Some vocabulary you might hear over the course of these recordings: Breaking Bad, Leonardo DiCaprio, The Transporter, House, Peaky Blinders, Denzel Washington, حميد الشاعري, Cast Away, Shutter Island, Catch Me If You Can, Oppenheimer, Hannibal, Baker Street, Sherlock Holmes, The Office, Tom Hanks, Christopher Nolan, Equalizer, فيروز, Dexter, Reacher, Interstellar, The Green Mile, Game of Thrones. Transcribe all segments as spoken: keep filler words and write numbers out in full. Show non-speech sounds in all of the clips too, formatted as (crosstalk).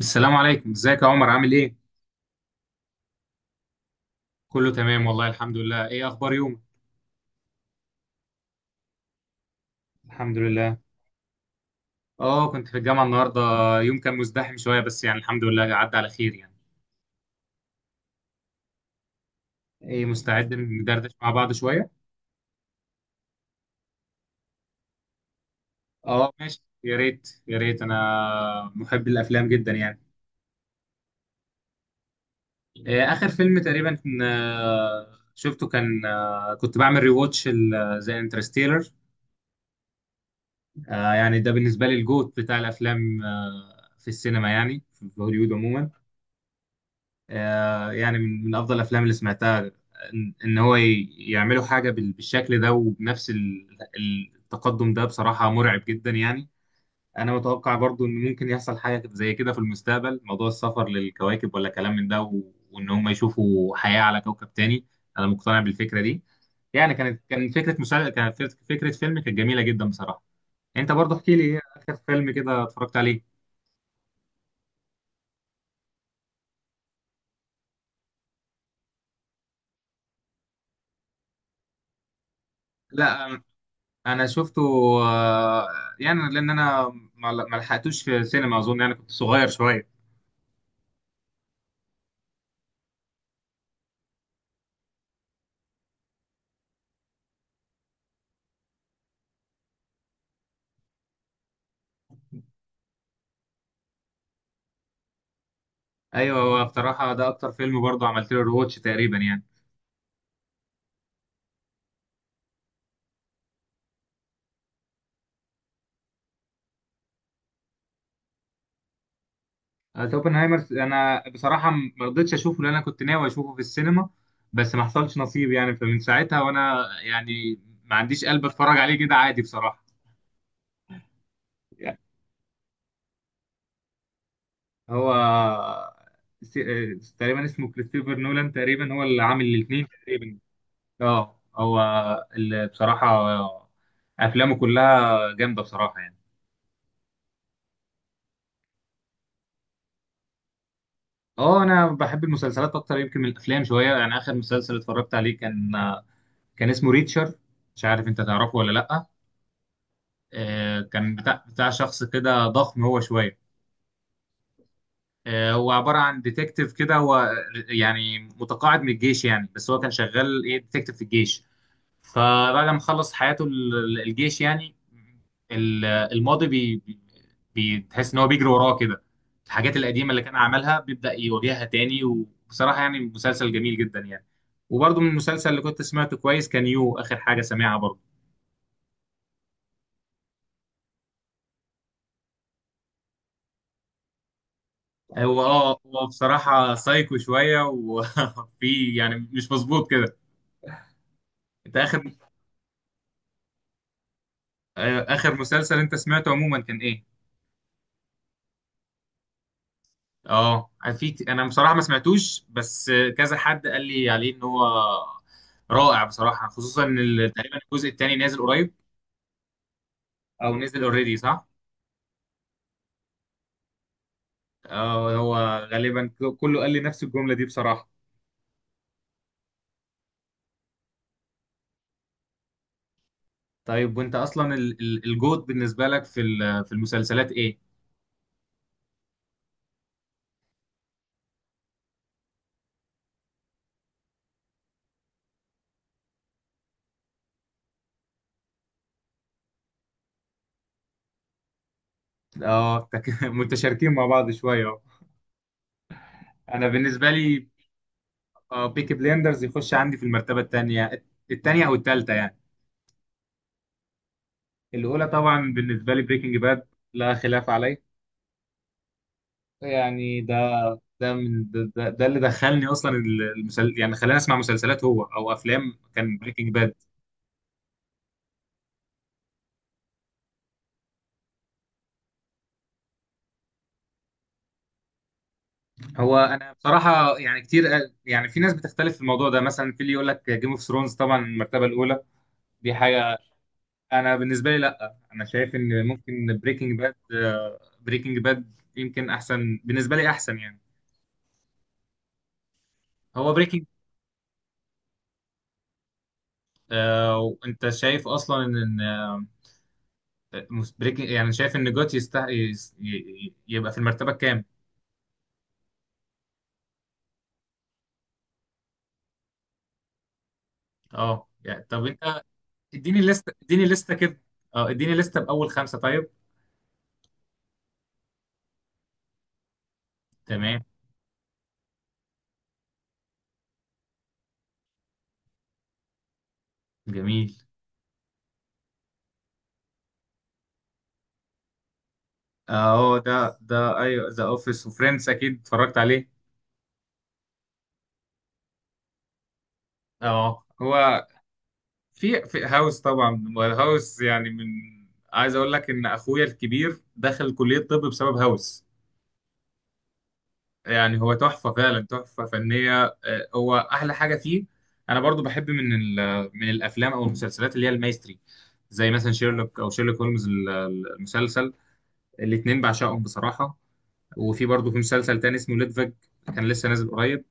السلام عليكم، ازيك يا عمر؟ عامل ايه؟ كله تمام والله، الحمد لله. ايه اخبار يومك؟ الحمد لله. اه كنت في الجامعه النهارده. يوم كان مزدحم شويه، بس يعني الحمد لله عدى على خير يعني. ايه مستعد ندردش مع بعض شويه؟ اه ماشي، يا ريت يا ريت، انا محب الافلام جدا يعني. إيه اخر فيلم تقريبا كان- آه، شفته، كان آه، كنت بعمل ريواتش زي انترستيلر. يعني ده بالنسبه لي الجوت بتاع الافلام، آه، في السينما يعني في هوليوود عموما. آه، يعني من من افضل الافلام اللي سمعتها. ان إن هو ي- يعملوا حاجه بال- بالشكل ده، وبنفس ال- ال- التقدم ده، بصراحه مرعب جدا يعني. انا متوقع برضو ان ممكن يحصل حاجه زي كده في المستقبل، موضوع السفر للكواكب ولا كلام من ده، و- وان هم يشوفوا حياه على كوكب تاني. انا مقتنع بالفكره دي. يعني كانت كان فكره مسا... كانت فكره فكرة فيلم كانت جميله جدا بصراحه. انت برضو احكي لي ايه اخر فيلم كده اتفرجت عليه؟ لا، انا شفته. آه، يعني لان انا ما ما لحقتوش في السينما اظن، يعني كنت صغير شويه. ايوه، هو بصراحه ده اكتر فيلم برضه عملت له رواتش تقريبا يعني. آه، اوبنهايمر انا بصراحه م- ما رضيتش اشوفه، لان انا كنت ناوي اشوفه في السينما، بس ما حصلش نصيب يعني، فمن ساعتها وانا يعني ما عنديش قلب اتفرج عليه كده عادي بصراحه. يعني هو، آه، س- آه، تقريبا اسمه كريستوفر نولان، تقريبا هو اللي عامل الاثنين تقريبا. اه هو اللي بصراحة آه، أفلامه كلها جامدة بصراحة يعني. اه أنا بحب المسلسلات أكتر يمكن من الأفلام شوية. يعني آخر مسلسل اتفرجت عليه كان، آه، كان اسمه ريتشر، مش عارف أنت تعرفه ولا لأ. آه، كان بتاع بتاع شخص كده ضخم هو شوية. آه، هو عبارة عن ديتكتيف كده، هو يعني متقاعد من الجيش يعني، بس هو كان شغال إيه، ديتكتيف في الجيش. فبعد ما خلص حياته ال- الجيش يعني، ال- الماضي بي بي- بتحس ان هو بيجري وراه كده. الحاجات القديمه اللي كان عملها بيبدا يواجهها تاني، وبصراحه يعني مسلسل جميل جدا يعني. وبرضه من المسلسل اللي كنت سمعته كويس كان يو، اخر حاجه سامعها برضه. هو اه، هو بصراحه سايكو شويه وفي (laughs) يعني مش مظبوط كده. انت اخر، آه، اخر مسلسل انت سمعته عموما كان ايه؟ اه، في ك- انا بصراحه ما سمعتوش، بس كذا حد قال لي عليه ان هو رائع بصراحه، خصوصا ان ال- تقريبا الجزء الثاني نازل قريب. او نزل اوريدي، صح؟ اه، هو غالبا ك- كله قال لي نفس الجمله دي بصراحه. طيب وانت اصلا ال- ال- الجود بالنسبه لك في ال- في المسلسلات ايه؟ اه تك- (laughs) متشاركين مع بعض شويه أهو. انا بالنسبه لي بيكي بليندرز يخش عندي في المرتبه الثانيه، الثانيه او الثالثه يعني. الاولى طبعا بالنسبه لي بريكنج باد، لا خلاف عليه. يعني ده، ده من ده, ده, ده اللي دخلني اصلا المسل... يعني خلاني اسمع مسلسلات هو او افلام كان بريكنج باد. هو انا بصراحه يعني كتير قال- يعني في ناس بتختلف في الموضوع ده، مثلا في اللي يقول لك جيم اوف ثرونز طبعا المرتبه الاولى، دي حاجه. انا بالنسبه لي لا، انا شايف ان ممكن بريكنج باد، بريكنج باد يمكن احسن بالنسبه لي، احسن يعني. هو بريكنج، آه انت شايف اصلا ان، آه، مس- بريكنج، يعني شايف ان جوت يستحق يبقى في المرتبه الكام؟ اه يعني، طب انت اديني لستة، اديني لستة كده. اه اديني لستة بأول خمسة طيب. تمام. جميل. اه ده ده، ايوه ذا اوفيس، وفريندز اكيد اتفرجت عليه. اه هو، في في هاوس طبعا، هاوس يعني من، عايز اقول لك ان اخويا الكبير دخل كلية طب بسبب هاوس. يعني هو تحفة فعلا، تحفة فنية. آه، هو احلى حاجة فيه. انا برضو بحب من ال- من الافلام او المسلسلات اللي هي المايستري، زي مثلا شيرلوك او شيرلوك هولمز ال- المسلسل. الاتنين بعشقهم بصراحة. وفي برضه في مسلسل تاني اسمه ليدفج، كان لسه نازل قريب.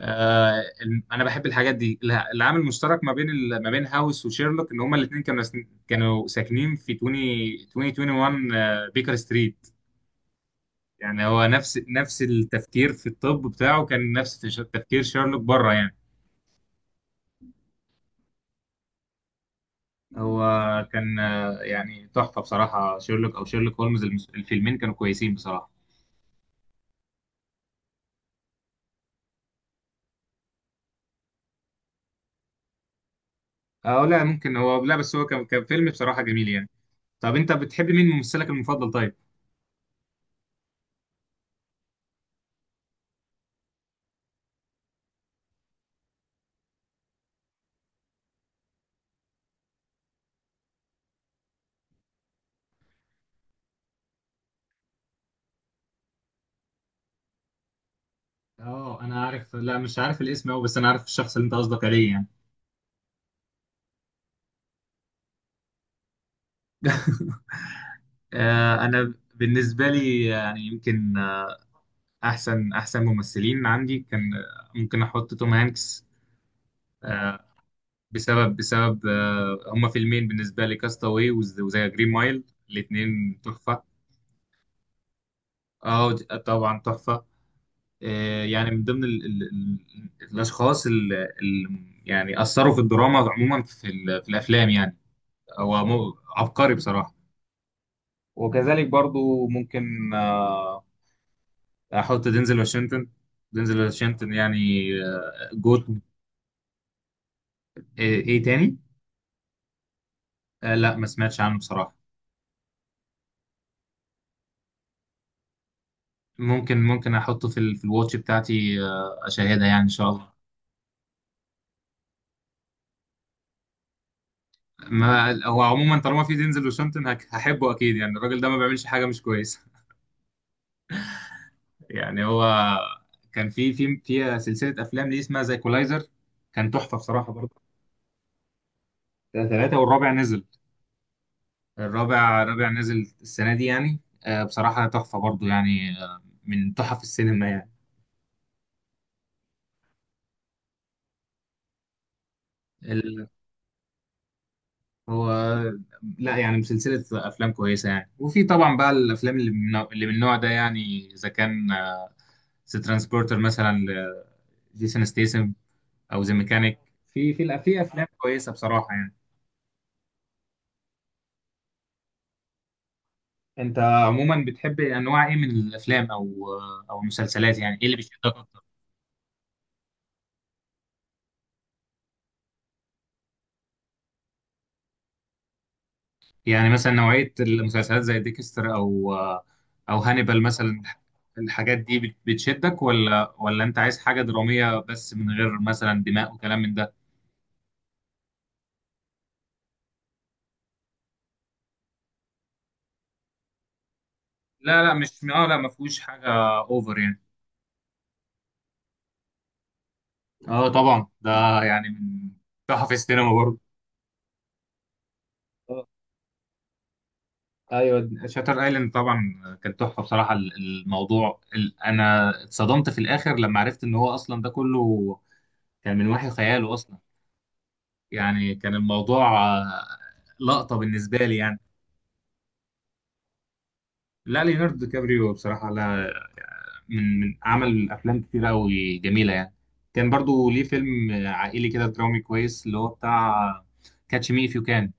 آه ال- انا بحب الحاجات دي. الع- العامل المشترك ما بين ال- ما بين هاوس وشيرلوك ان هما الاثنين كانوا سن- كانوا ساكنين في واحد وعشرين آه بيكر ستريت. يعني هو نفس نفس التفكير في الطب بتاعه كان نفس تش- تفكير شيرلوك بره يعني. هو كان آه يعني تحفة بصراحة، شيرلوك او شيرلوك هولمز المس- الفيلمين كانوا كويسين بصراحة. اه لا ممكن هو، لا بس هو كان كان فيلم بصراحة جميل يعني. طب انت بتحب مين، ممثلك المفضل طيب؟ اه انا عارف، لا مش عارف الاسم أوي، بس انا عارف الشخص اللي انت قصدك عليه يعني. (laughs) آه، انا بالنسبه لي يعني يمكن، آه، احسن احسن ممثلين عندي كان، آه، ممكن احط توم هانكس. آه، بسبب بسبب، آه، هما فيلمين بالنسبه لي، كاستاوي وزي جرين مايل، الاثنين تحفه. اه ج- طبعا تحفه. آه، يعني من ضمن ال ال ال الاشخاص اللي يعني اثروا في الدراما عموما، في ال- في الافلام يعني. هو مو- عبقري بصراحه. وكذلك برضو ممكن، آه، احط دينزل واشنطن، دينزل واشنطن يعني، آه، جوت. ايه، إيه تاني؟ آه، لا ما سمعتش عنه بصراحة. ممكن ممكن احطه في ال- في الواتش بتاعتي، آه، اشاهدها يعني ان شاء الله. ما هو عموما طالما في دينزل واشنطن هك- هحبه اكيد، يعني الراجل ده ما بيعملش حاجة مش كويسة. (laughs) يعني هو، كان في في في سلسلة افلام ليه اسمها زي كولايزر، كان تحفة بصراحة برضه. ثلاثة، والرابع نزل، الرابع، رابع نازل السنة دي يعني. آه، بصراحة تحفة برضو يعني، آه، من تحف السينما يعني. ال- هو لا، يعني من سلسلة أفلام كويسة يعني، وفي طبعا بقى الأفلام اللي من نوع- اللي من النوع ده يعني، إذا كان ذا ترانسبورتر مثلا لجيسون ستيسم، أو ذا ميكانيك، في في الأ- في أفلام كويسة بصراحة يعني. أنت عموما بتحب أنواع إيه من الأفلام، أو آه، أو المسلسلات؟ يعني إيه اللي بيشدك أكتر؟ يعني مثلا نوعية المسلسلات زي ديكستر، أو أو هانيبال مثلا، الحاجات دي بت- بتشدك؟ ولا ولا أنت عايز حاجة درامية بس من غير مثلا دماء وكلام من ده؟ لا لا مش اه، لا ما فيهوش حاجة أوفر يعني. اه طبعا ده يعني من تحف السينما برضه. آه، ايوه شاتر ايلاند طبعا، كانت تحفه بصراحه. ال- الموضوع ال- انا اتصدمت في الاخر لما عرفت ان هو اصلا ده كله كان من وحي خياله اصلا. يعني كان الموضوع آه، لقطة بالنسبة لي يعني. لا ليوناردو دي كابريو بصراحة، لا، من من عمل أفلام كتير أوي جميلة يعني. كان برضو ليه فيلم آه، عائلي كده درامي كويس، اللي هو بتاع كاتش مي إف يو كان.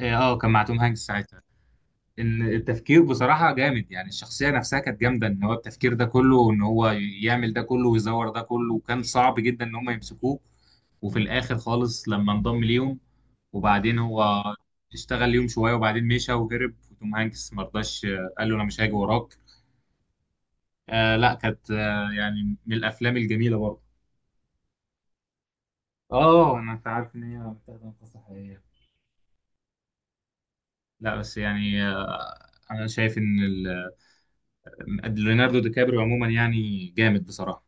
اه آه، كان مع توم هانكس ساعتها. ان التفكير بصراحة جامد يعني، الشخصية نفسها كانت جامدة، ان هو التفكير ده كله، وان هو يعمل ده كله ويزور ده كله، وكان صعب جدا ان هم يمسكوه. وفي الاخر خالص لما انضم ليهم، وبعدين هو اشتغل ليهم شوية، وبعدين مشى وهرب، وتوم هانكس مرضاش، آه، قال له انا مش هاجي وراك. آه لا كانت آه يعني من الافلام الجميلة برضه. اه انا، انت عارف ان هي متاخدة من قصة حقيقية. لا بس يعني آه، انا شايف ان ال- ليوناردو دي كابريو عموما يعني جامد بصراحة.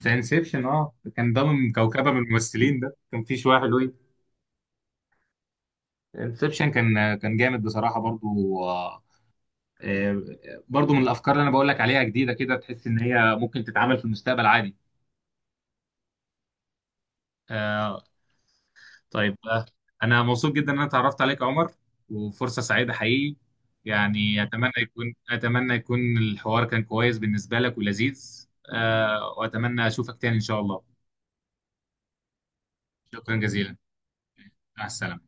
زي انسبشن، اه كان ضامن كوكبه من الممثلين، ده كان في شويه حلوين. انسبشن كان كان جامد بصراحه برضو، آه، آه، برضو من الافكار اللي انا بقول لك عليها جديده كده، تحس ان هي ممكن تتعمل في المستقبل عادي. آه، طيب، آه، انا مبسوط جدا ان انا اتعرفت عليك يا عمر، وفرصه سعيده حقيقي. يعني اتمنى يكون، اتمنى يكون الحوار كان كويس بالنسبه لك ولذيذ. آه، واتمنى اشوفك تاني ان شاء الله. شكرا جزيلا. مع السلامه.